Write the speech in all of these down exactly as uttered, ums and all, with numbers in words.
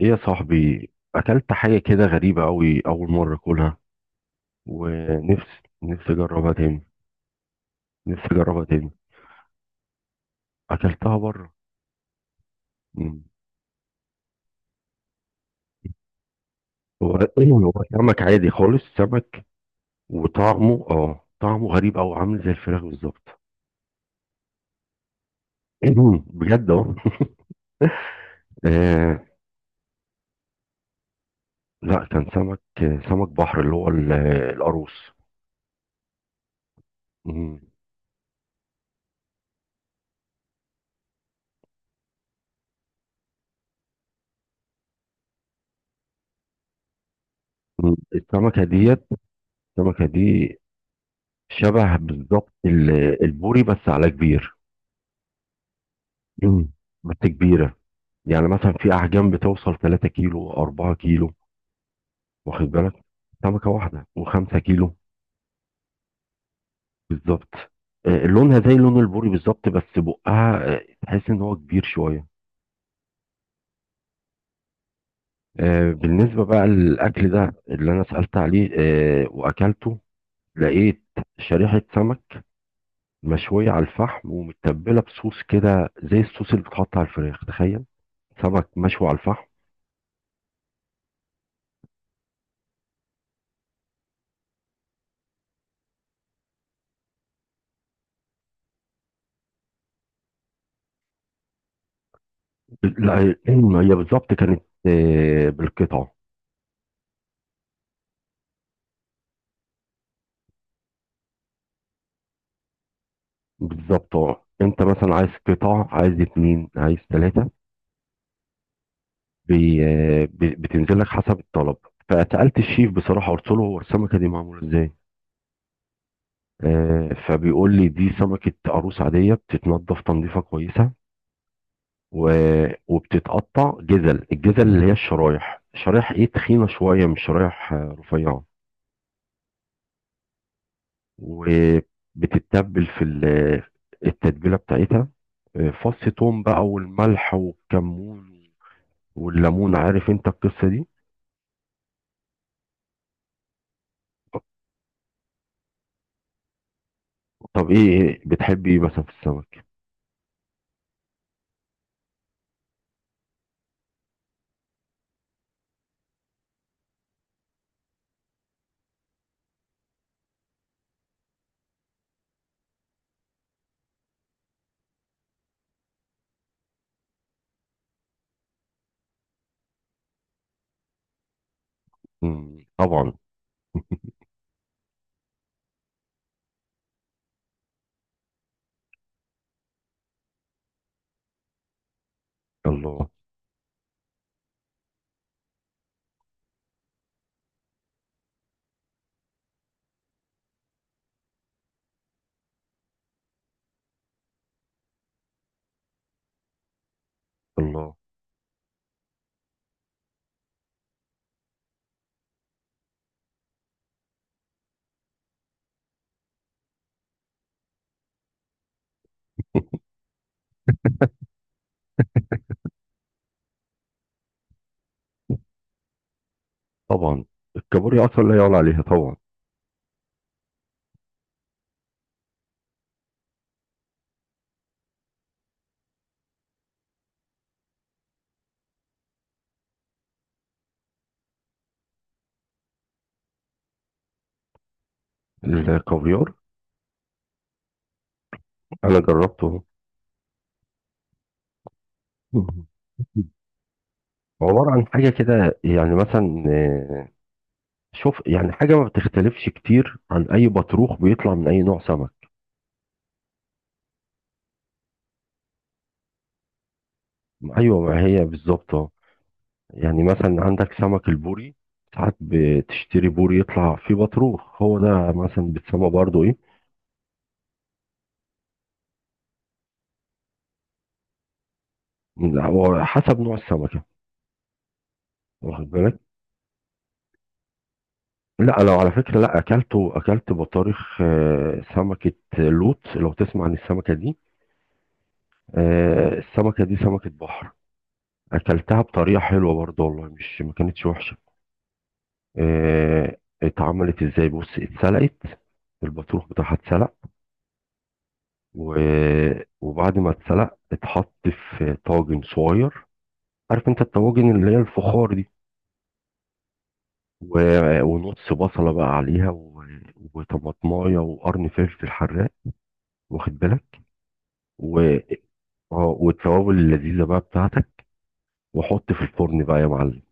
ايه يا صاحبي. اكلت حاجه كده غريبه قوي، اول مره اكلها. ونفسي نفسي اجربها تاني. نفسي اجربها تاني. اكلتها بره. مم. هو ايه، هو سمك عادي خالص سمك. وطعمه اه طعمه غريب، او عامل زي الفراخ بالظبط. مم. بجد اه. آه. لا كان سمك. سمك بحر اللي هو ال- القاروص. مم. مم. السمكه ديت السمكه دي شبه بالظبط ال- البوري، بس على كبير. مم. بس كبيره. يعني مثلا في احجام بتوصل 3 كيلو 4 كيلو. واخد بالك، سمكه واحده و5 كيلو. بالظبط. آه، لونها زي لون البوري بالظبط، بس بقها آه، تحس ان هو كبير شويه. آه، بالنسبه بقى للاكل ده اللي انا سالت عليه آه، واكلته، لقيت شريحه سمك مشويه على الفحم ومتبله بصوص كده، زي الصوص اللي بيتحط على الفراخ. تخيل، سمك مشوي على الفحم. لا، هي بالظبط كانت آه، بالقطعه. بالظبط، اه انت مثلا عايز قطع، عايز اتنين، عايز تلاتة. بي... آه، ب- بتنزل لك حسب الطلب. فسألت الشيف بصراحة، قلت له هو السمكة دي معمولة ازاي. آه فبيقول لي دي سمكة عروس عادية، بتتنضف تنظيفة كويسة و... وبتتقطع جزل الجزل، اللي هي الشرايح. شرايح ايه، تخينة شوية، مش شرايح آه، رفيعة. وبتتبل في ال- التتبيلة بتاعتها، آه، فص توم بقى والملح والكمون والليمون. عارف انت القصة دي. طب ايه ايه بتحب، ايه مثلا في السمك؟ مم. طبعا. الله. الله طبعا. الكابوريا اصلا لا يعلى عليها طبعا. الكافيار، انا جربته. مم. عبارة عن حاجة كده، يعني مثلا آه، شوف، يعني حاجة ما بتختلفش كتير عن أي بطروخ بيطلع من أي نوع سمك. أيوة، ما هي بالظبط أهو. يعني مثلا عندك سمك البوري، ساعات بتشتري بوري يطلع فيه بطروخ، هو ده مثلا بتسمى برضه إيه. لا، هو حسب نوع السمكة. واخد بالك. لا، لو على فكرة، لا، أكلته أكلت بطارخ آه، سمكة لوط. لو تسمع عن السمكة دي، آه، السمكة دي سمكة بحر. أكلتها بطريقة حلوة برضه، والله مش ما كانتش وحشة. آه. اتعملت إزاي؟ بص، اتسلقت. البطروخ بتاعها اتسلق، و- وبعد ما اتسلق اتحط في طاجن صغير. عارف انت الطواجن اللي هي الفخار دي؟ و- ونص بصلة بقى عليها، و- وطماطماية وقرن فلفل حراق. واخد بالك. و... اه والتوابل اللذيذة بقى بتاعتك، وحط في الفرن بقى يا معلم.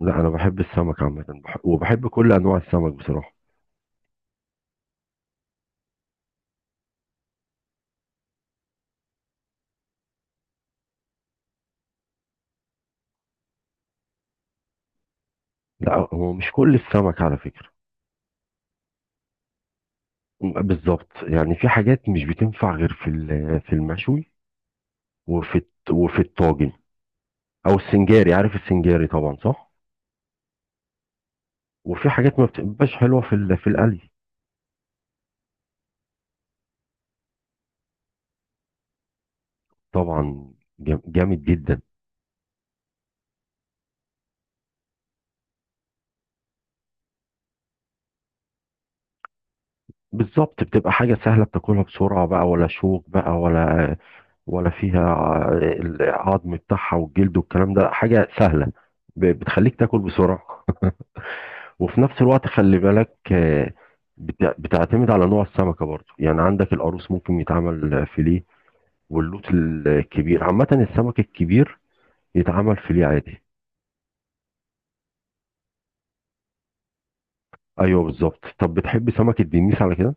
لا، انا بحب السمك عامة، بح... وبحب كل انواع السمك بصراحة. لا، هو مش كل السمك على فكرة. بالظبط، يعني في حاجات مش بتنفع غير في ال- في المشوي وفي الت... وفي الطاجن، او السنجاري. عارف السنجاري طبعا، صح؟ وفي حاجات ما بتبقاش حلوة في ال... في القلي. طبعا. جام- جامد جدا. بالظبط، بتبقى حاجة سهلة بتاكلها بسرعة بقى، ولا شوك بقى، ولا ولا فيها العظم بتاعها والجلد والكلام ده. حاجة سهلة، ب- بتخليك تاكل بسرعة وفي نفس الوقت. خلي بالك، آه، بت- بتعتمد على نوع السمكة برضو. يعني عندك القاروص ممكن يتعمل فيليه، واللوت الكبير، عامة السمك الكبير يتعمل فيليه عادي. ايوه بالظبط. طب بتحب سمك الدنيس على كده؟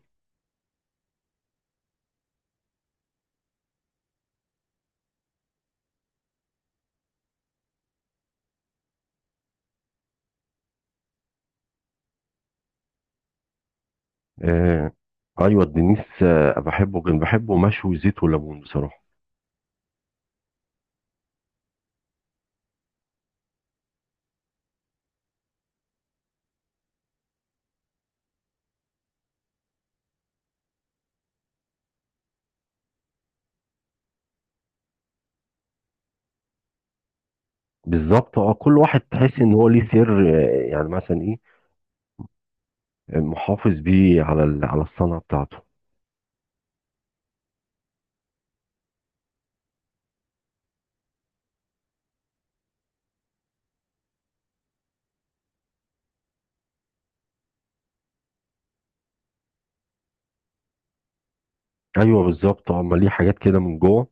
آه. ايوه الدنيس، آه، بحبه، كان بحبه مشوي زيت وليمون بصراحة. بالظبط، اه كل واحد تحس ان هو ليه سر، آه، يعني مثلا ايه، آه، محافظ بيه على ال- على الصنعه بتاعته. ايوه بالظبط. اه أما ليه حاجات كده من جوه،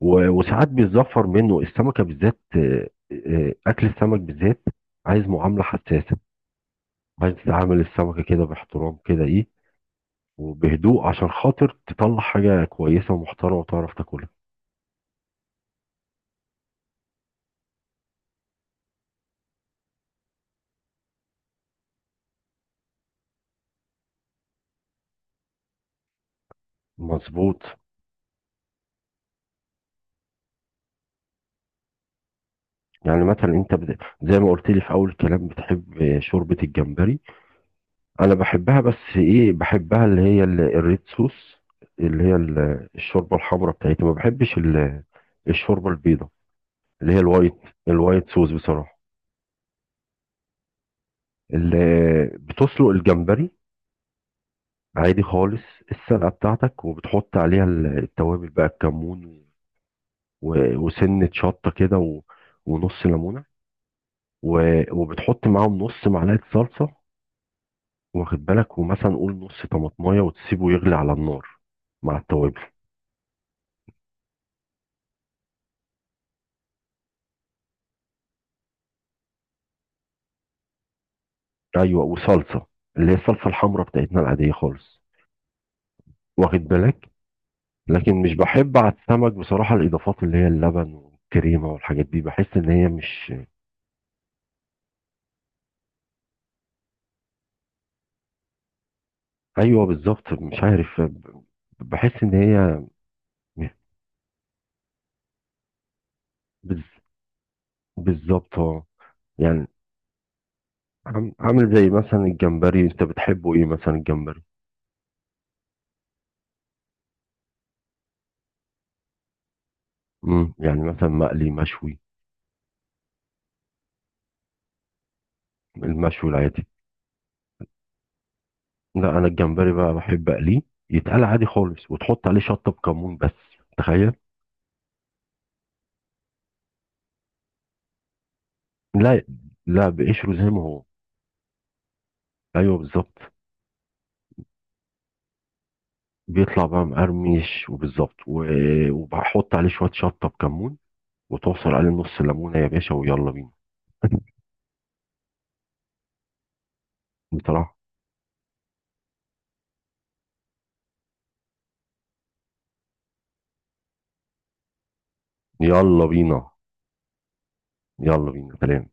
و- وساعات بيتظفر منه السمكه بالذات. آه، آه، اكل السمك بالذات عايز معامله حساسه. عايز تعامل السمكه كده باحترام، كده ايه، وبهدوء، عشان خاطر تطلع حاجه كويسه ومحترمه وتعرف تاكلها. مظبوط. يعني مثلا انت بت- زي ما قلت لي في اول الكلام بتحب آه، شوربه الجمبري. انا بحبها، بس ايه، بحبها اللي هي ال- الريد صوص، اللي هي ال- الشوربه الحمراء بتاعتي. ما بحبش ال- الشوربه البيضاء، اللي هي الوايت الوايت صوص بصراحه. اللي بتسلق الجمبري عادي خالص، السلقه بتاعتك، وبتحط عليها ال- التوابل بقى، الكمون و- وسنه شطه كده و- ونص ليمونه، و- وبتحط معاهم نص معلقه صلصه. واخد بالك، ومثلا قول نص طماطمايه، وتسيبه يغلي على النار مع التوابل. ايوه وصلصه، اللي هي الصلصه الحمراء بتاعتنا العاديه خالص. واخد بالك. لكن مش بحب على السمك بصراحه الاضافات اللي هي اللبن والكريمه والحاجات دي، بحس ان هي مش. ايوه بالظبط. مش عارف، ب- بحس ان هي، بز- بالظبط. اه يعني عم- عامل زي مثلا الجمبري، انت بتحبه ايه مثلا الجمبري؟ امم يعني مثلا مقلي؟ مشوي؟ المشوي العادي. لا، انا الجمبري بقى بحب اقليه، يتقلى عادي خالص، وتحط عليه شطه بكمون بس. تخيل. لا. لا، بقشره زي ما هو. ايوه بالظبط. بيطلع بقى مقرمش، وبالظبط و... وبحط عليه شويه شطه بكمون، وتعصر عليه نص ليمونه يا باشا، ويلا بينا. بصراحه. يلا بينا. يلا بينا سلام.